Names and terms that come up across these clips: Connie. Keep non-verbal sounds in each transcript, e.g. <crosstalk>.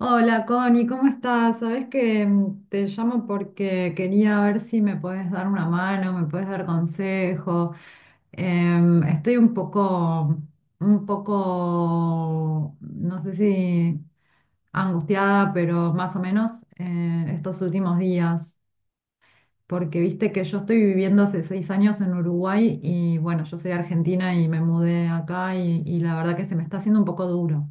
Hola Connie, ¿cómo estás? Sabes que te llamo porque quería ver si me puedes dar una mano, me puedes dar consejo. Estoy un poco, no sé si angustiada, pero más o menos estos últimos días, porque viste que yo estoy viviendo hace 6 años en Uruguay y bueno, yo soy argentina y me mudé acá y la verdad que se me está haciendo un poco duro.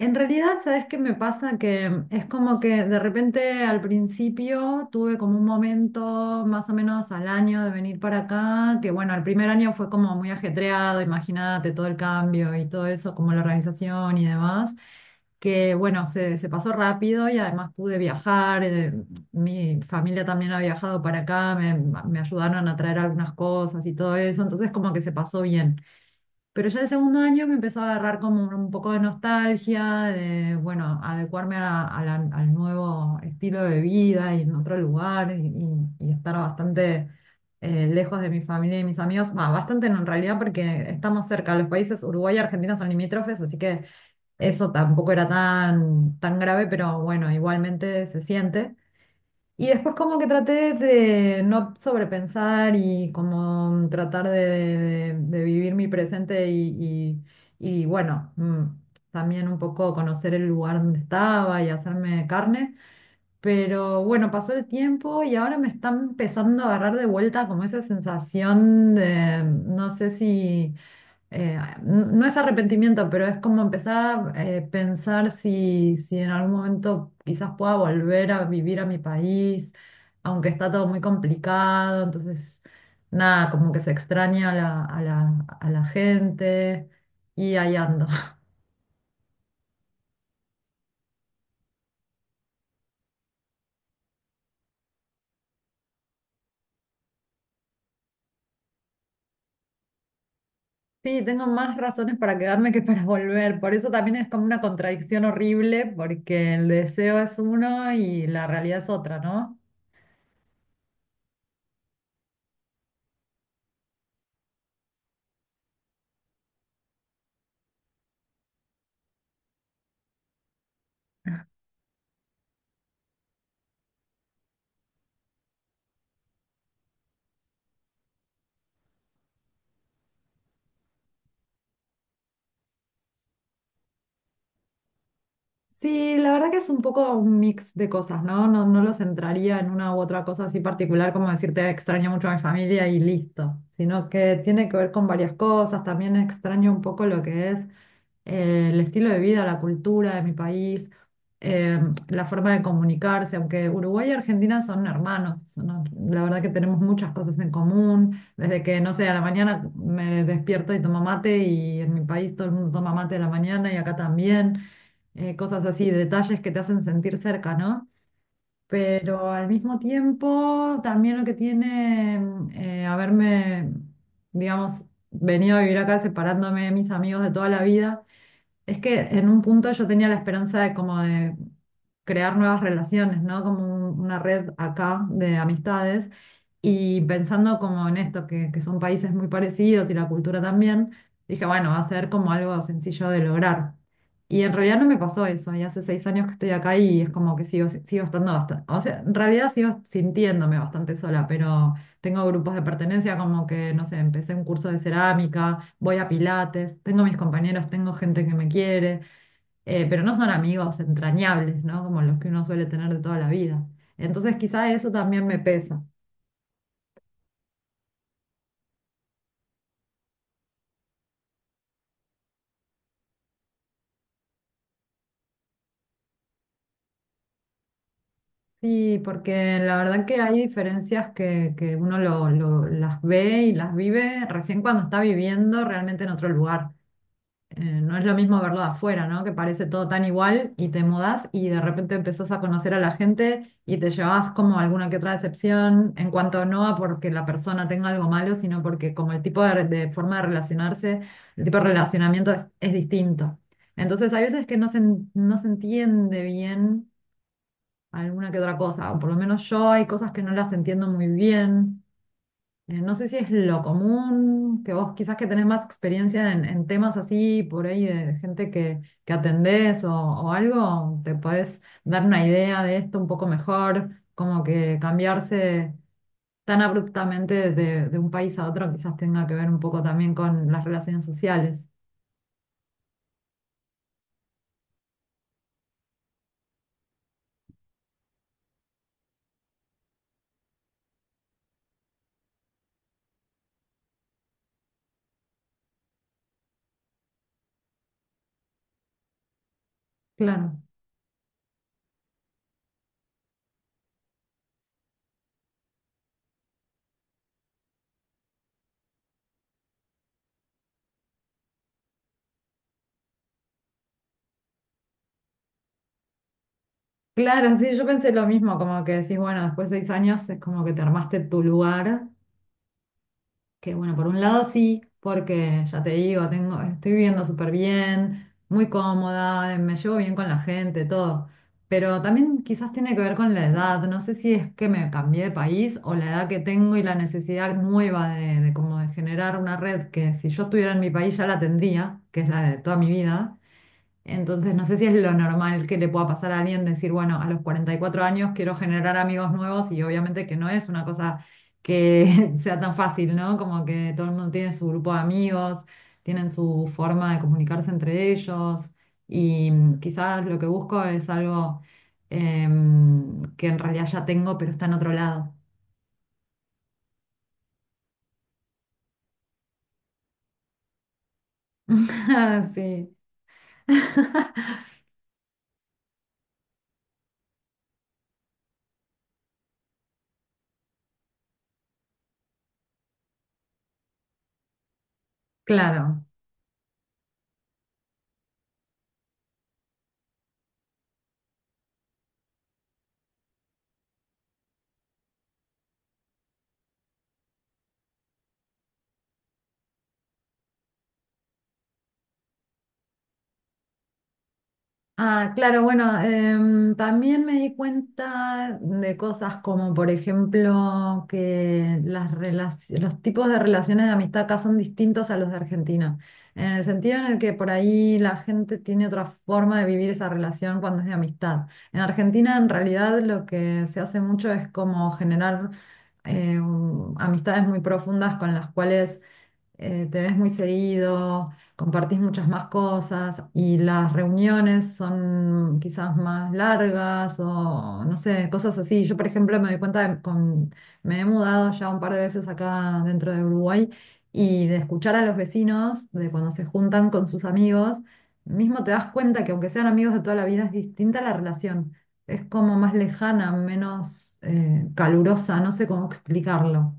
En realidad, ¿sabes qué me pasa? Que es como que de repente al principio tuve como un momento más o menos al año de venir para acá, que bueno, el primer año fue como muy ajetreado, imagínate todo el cambio y todo eso, como la organización y demás, que bueno, se pasó rápido y además pude viajar, mi familia también ha viajado para acá, me ayudaron a traer algunas cosas y todo eso, entonces como que se pasó bien. Pero ya el segundo año me empezó a agarrar como un poco de nostalgia, de, bueno, adecuarme al nuevo estilo de vida y en otro lugar y estar bastante lejos de mi familia y mis amigos. Va, bastante no, en realidad porque estamos cerca, los países Uruguay y Argentina son limítrofes, así que eso tampoco era tan, tan grave, pero bueno, igualmente se siente. Y después como que traté de no sobrepensar y como tratar de vivir mi presente y bueno, también un poco conocer el lugar donde estaba y hacerme carne. Pero bueno, pasó el tiempo y ahora me está empezando a agarrar de vuelta como esa sensación de, no sé si eh, no es arrepentimiento, pero es como empezar a pensar si en algún momento quizás pueda volver a vivir a mi país, aunque está todo muy complicado, entonces nada, como que se extraña a la gente y ahí ando. <laughs> Sí, tengo más razones para quedarme que para volver, por eso también es como una contradicción horrible, porque el deseo es uno y la realidad es otra, ¿no? Sí, la verdad que es un poco un mix de cosas, ¿no? No, no lo centraría en una u otra cosa así particular, como decirte extraño mucho a mi familia y listo, sino que tiene que ver con varias cosas, también extraño un poco lo que es el estilo de vida, la cultura de mi país, eh, la forma de comunicarse, aunque Uruguay y Argentina son hermanos, no, la verdad que tenemos muchas cosas en común, desde que, no sé, a la mañana me despierto y tomo mate y en mi país todo el mundo toma mate a la mañana y acá también cosas así, detalles que te hacen sentir cerca, ¿no? Pero al mismo tiempo, también lo que tiene haberme, digamos, venido a vivir acá separándome de mis amigos de toda la vida, es que en un punto yo tenía la esperanza de como de crear nuevas relaciones, ¿no? Como una red acá de amistades y pensando como en esto, que son países muy parecidos y la cultura también, dije, bueno, va a ser como algo sencillo de lograr. Y en realidad no me pasó eso, y hace 6 años que estoy acá y es como que sigo, sigo estando bastante, o sea, en realidad sigo sintiéndome bastante sola, pero tengo grupos de pertenencia, como que, no sé, empecé un curso de cerámica, voy a pilates, tengo mis compañeros, tengo gente que me quiere, pero no son amigos entrañables, ¿no? Como los que uno suele tener de toda la vida. Entonces quizá eso también me pesa. Sí, porque la verdad que hay diferencias que uno las ve y las vive recién cuando está viviendo realmente en otro lugar. No es lo mismo verlo de afuera, ¿no? Que parece todo tan igual y te mudás y de repente empezás a conocer a la gente y te llevas como alguna que otra decepción, en cuanto no a porque la persona tenga algo malo, sino porque como el tipo de forma de relacionarse, el tipo de relacionamiento es distinto. Entonces hay veces que no se entiende bien alguna que otra cosa, o por lo menos yo hay cosas que no las entiendo muy bien. No sé si es lo común, que vos quizás que tenés más experiencia en temas así, por ahí de gente que atendés o algo, te podés dar una idea de esto un poco mejor, como que cambiarse tan abruptamente de un país a otro quizás tenga que ver un poco también con las relaciones sociales. Claro. Claro, sí, yo pensé lo mismo, como que decís, bueno, después de 6 años es como que te armaste tu lugar. Que bueno, por un lado sí, porque ya te digo, tengo, estoy viviendo súper bien, muy cómoda, me llevo bien con la gente, todo. Pero también quizás tiene que ver con la edad. No sé si es que me cambié de país o la edad que tengo y la necesidad nueva de como de generar una red que si yo estuviera en mi país ya la tendría, que es la de toda mi vida. Entonces, no sé si es lo normal que le pueda pasar a alguien decir, bueno, a los 44 años quiero generar amigos nuevos y obviamente que no es una cosa que <laughs> sea tan fácil, ¿no? Como que todo el mundo tiene su grupo de amigos, tienen su forma de comunicarse entre ellos y quizás lo que busco es algo que en realidad ya tengo, pero está en otro lado. <laughs> Sí, <laughs> claro. Ah, claro, bueno, también me di cuenta de cosas como, por ejemplo, que los tipos de relaciones de amistad acá son distintos a los de Argentina, en el sentido en el que por ahí la gente tiene otra forma de vivir esa relación cuando es de amistad. En Argentina, en realidad, lo que se hace mucho es como generar amistades muy profundas con las cuales te ves muy seguido, compartís muchas más cosas y las reuniones son quizás más largas o no sé, cosas así. Yo, por ejemplo, me doy cuenta me he mudado ya un par de veces acá dentro de Uruguay y de escuchar a los vecinos, de cuando se juntan con sus amigos, mismo te das cuenta que aunque sean amigos de toda la vida, es distinta la relación. Es como más lejana, menos calurosa, no sé cómo explicarlo.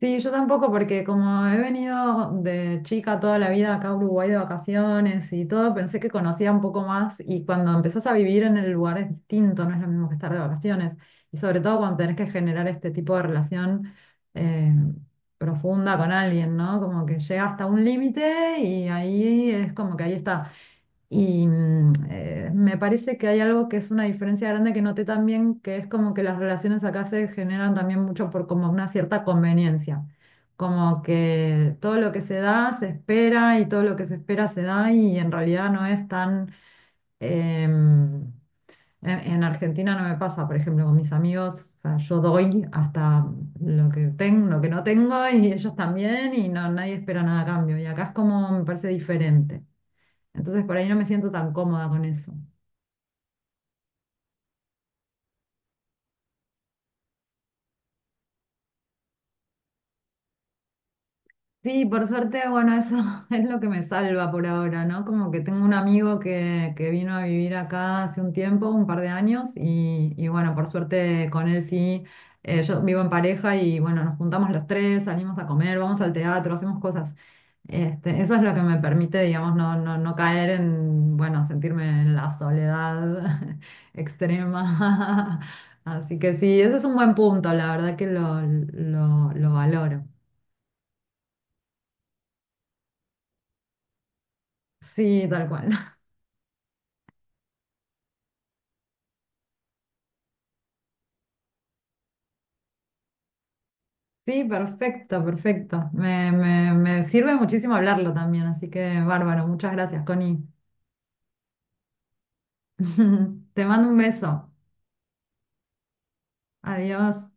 Sí, yo tampoco, porque como he venido de chica toda la vida acá a Uruguay de vacaciones y todo, pensé que conocía un poco más y cuando empezás a vivir en el lugar es distinto, no es lo mismo que estar de vacaciones. Y sobre todo cuando tenés que generar este tipo de relación eh, profunda con alguien, ¿no? Como que llega hasta un límite y ahí es como que ahí está. Y me parece que hay algo que es una diferencia grande que noté también, que es como que las relaciones acá se generan también mucho por como una cierta conveniencia, como que todo lo que se da se espera y todo lo que se espera se da y en realidad no es tan... em, en Argentina no me pasa, por ejemplo, con mis amigos, o sea, yo doy hasta lo que tengo, lo que no tengo y ellos también y no, nadie espera nada a cambio. Y acá es como, me parece diferente. Entonces por ahí no me siento tan cómoda con eso. Sí, por suerte, bueno, eso <laughs> es lo que me salva por ahora, ¿no? Como que tengo un amigo que vino a vivir acá hace un tiempo, un par de años, y bueno, por suerte con él sí, yo vivo en pareja y bueno, nos juntamos los tres, salimos a comer, vamos al teatro, hacemos cosas. Este, eso es lo que me permite, digamos, no caer en, bueno, sentirme en la soledad <laughs> extrema. <laughs> Así que sí, ese es un buen punto, la verdad que lo valoro. Sí, tal cual. Sí, perfecto, perfecto. Me sirve muchísimo hablarlo también, así que bárbaro. Muchas gracias, Connie. <laughs> Te mando un beso. Adiós.